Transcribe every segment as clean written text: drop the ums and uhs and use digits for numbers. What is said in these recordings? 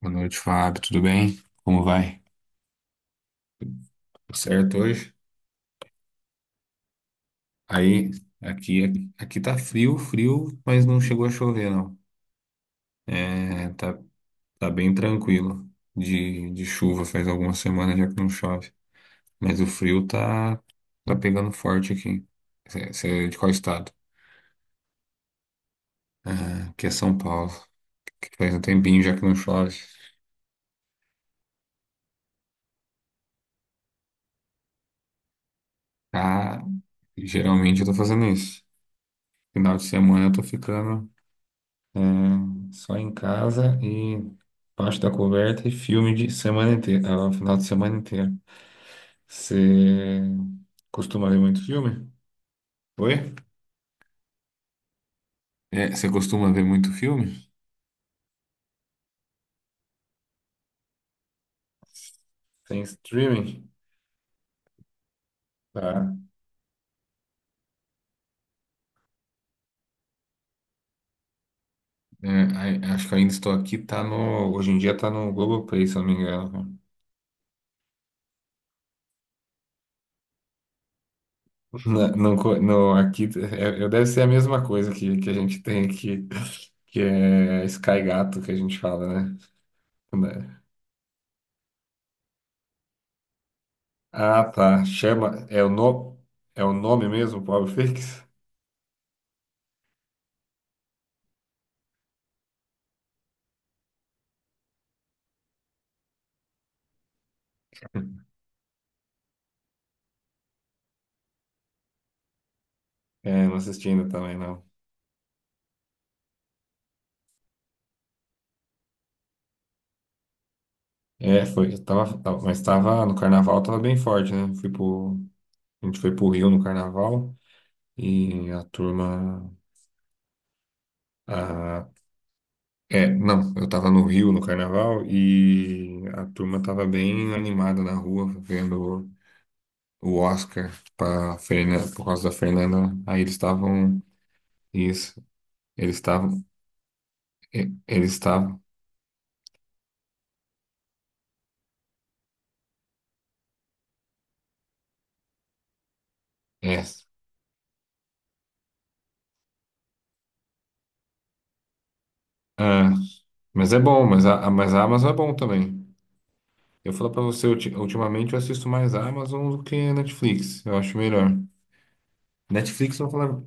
Boa noite, Fábio. Tudo bem? Como vai? Tudo certo hoje? Aí, aqui tá frio, frio, mas não chegou a chover, não. É, tá, tá bem tranquilo de chuva. Faz algumas semanas já que não chove. Mas o frio tá pegando forte aqui. Você é de qual estado? Aqui é São Paulo, que faz um tempinho já que não chove. Tá, geralmente eu tô fazendo isso. Final de semana eu tô ficando. Só em casa e embaixo da coberta e filme de semana inteira, final de semana inteira. Você costuma ver muito filme? Oi? É, você costuma ver muito filme? Tem streaming? Tá. É, acho que ainda estou aqui, tá no. Hoje em dia tá no Globoplay, se eu não me engano, cara. Na- não co- no, aqui deve ser a mesma coisa que a gente tem aqui, que é Sky Gato que a gente fala, né? Ah, tá. Chama. É o, no... é o nome mesmo, Pobre Fix? É, não assisti ainda também, não. É, foi. Mas tava no carnaval, tava bem forte, né? A gente foi pro Rio no carnaval e a turma. A, não, eu tava no Rio no carnaval e a turma tava bem animada na rua, vendo o Oscar pra Fernanda, por causa da Fernanda. Aí eles estavam. Isso. Eles estavam. Eles estavam. É. ah, Mas é bom, mas a Amazon é bom também. Eu falo pra você, ultimamente eu assisto mais a Amazon do que a Netflix. Eu acho melhor. Netflix, eu vou falar.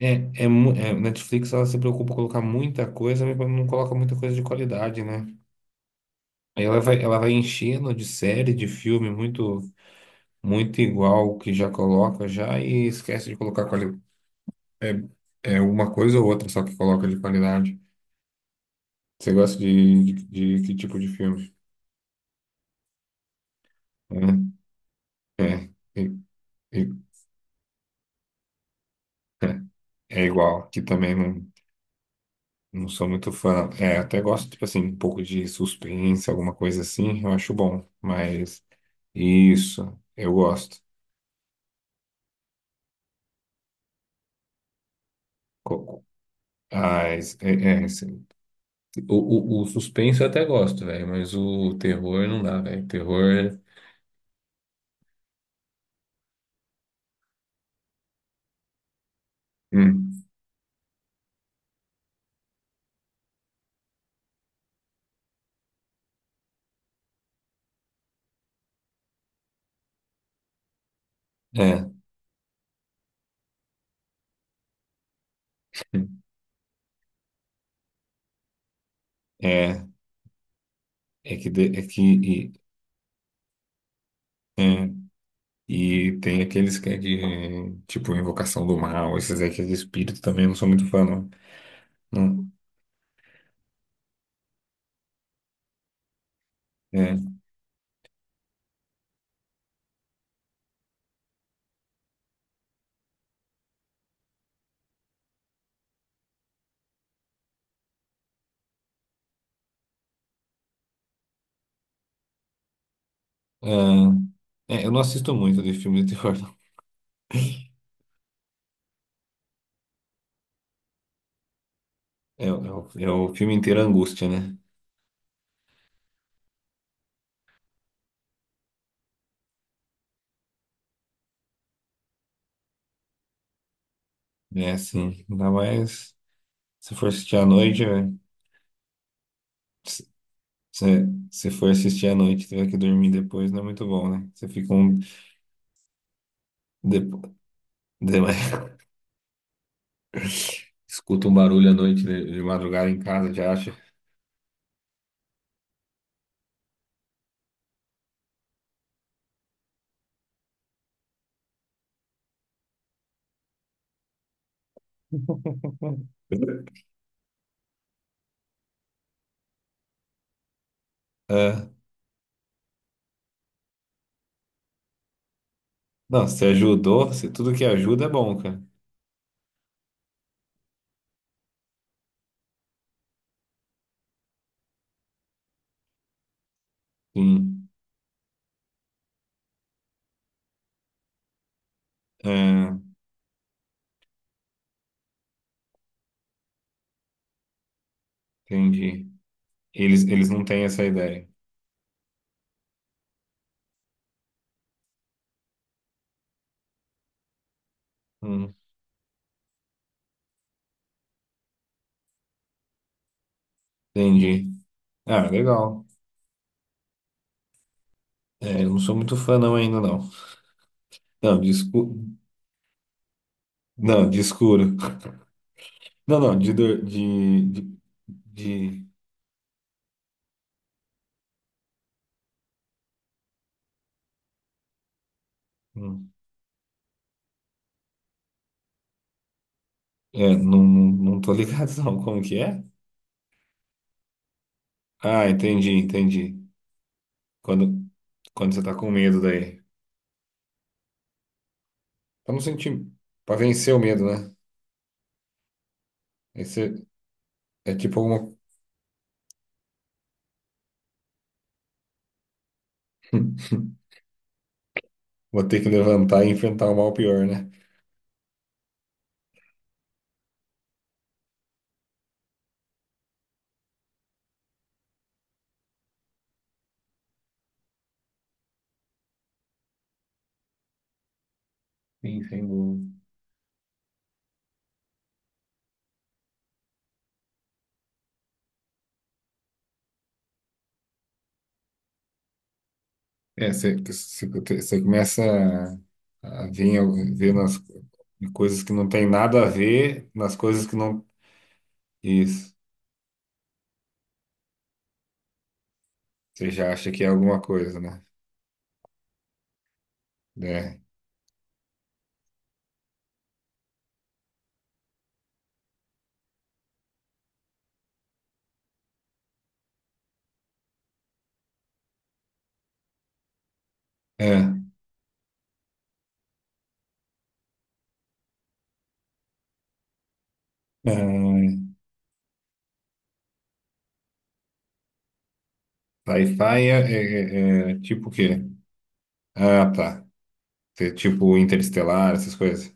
É, Netflix, ela se preocupa em colocar muita coisa, mas não coloca muita coisa de qualidade, né? Aí ela vai enchendo de série, de filme, muito, muito igual o que já coloca já e esquece de colocar quali é, é uma coisa ou outra só que coloca de qualidade. Você gosta de que tipo de filme? É, é, e- e- É igual, que também não, não sou muito fã. É, até gosto, tipo assim, um pouco de suspense, alguma coisa assim, eu acho bom. Mas isso, eu gosto. Co- Mas, é, é, assim, o suspense eu até gosto, velho, mas o terror não dá, velho. Terror. hum, é, é, é que, é que e tem aqueles que é de, tipo, Invocação do Mal, esses aí que é de espírito também, eu não sou muito fã, não. Não, é. Ah, é, eu não assisto muito de filme de terror, não. É é o filme inteiro é angústia, né? É assim, ainda mais se for assistir à noite, é, se, se se for assistir à noite e tiver que dormir depois, não é muito bom, né? Você fica um... De, de- escuta um barulho à noite de madrugada em casa, já acha. Ah, não, se ajudou, se tudo que ajuda é bom, cara. Sim, ah, entendi. Eles não têm essa ideia. Hum, entendi. Ah, legal. É, eu não sou muito fã não ainda, não. Não, de escuro. Não, de escuro. Não, não, de... dor- de, de... hum. É, não tô ligado não. Como que é? Ah, entendi, entendi. Quando, quando você tá com medo daí. Pra não sentir... Pra vencer o medo, né? Aí você... É tipo uma... Vou ter que levantar e enfrentar o mal pior, né? Sim, sem dúvida. É, você começa a ver, ver nas coisas que não tem nada a ver, nas coisas que não. Isso. Você já acha que é alguma coisa, né? É. É. Ah, Sci-fi é tipo o quê? Ah, tá. Tipo Interestelar, essas coisas.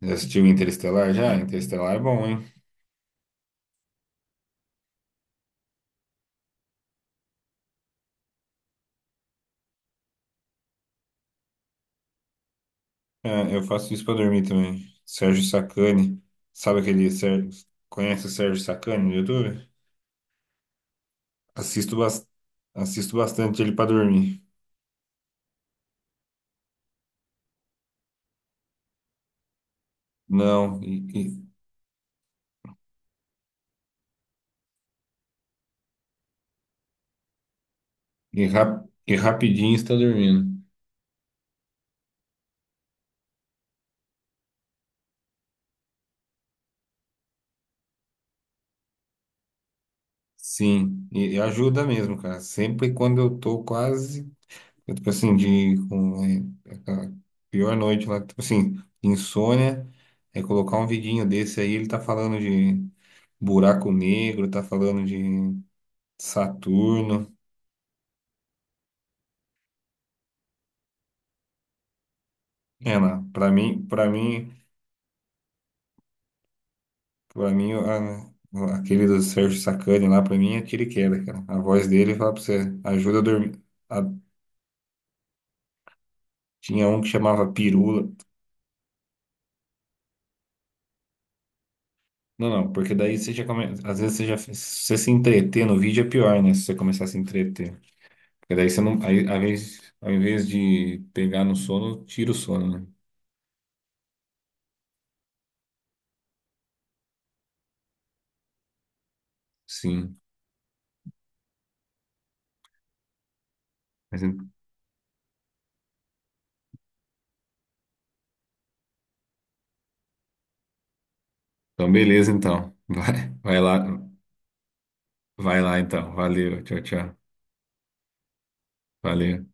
Já assistiu Interestelar? Já? Interestelar é bom, hein? Ah, eu faço isso pra dormir também. Sérgio Sacani. Sabe aquele Sérgio... Conhece o Sérgio Sacani no YouTube? Assisto, bas- assisto bastante ele para dormir. Não, e rapidinho está dormindo. Sim, e ajuda mesmo, cara. Sempre quando eu tô quase, eu, tipo assim, de com é, aquela pior noite lá, tipo assim, insônia, é colocar um vidinho desse aí, ele tá falando de buraco negro, tá falando de Saturno. Para mim aquele do Sérgio Sacani lá, pra mim, é tiro e queda, cara. A voz dele fala pra você, ajuda a dormir. A- tinha um que chamava Pirula. Não, não, porque daí você já começa. Às vezes você já. Se você se entreter no vídeo é pior, né? Se você começar a se entreter. Porque daí você não. Aí, ao invés de pegar no sono, tira o sono, né? Sim. Mas en- então, beleza, então. Vai, vai lá. Vai lá, então. Valeu. Tchau, tchau. Valeu.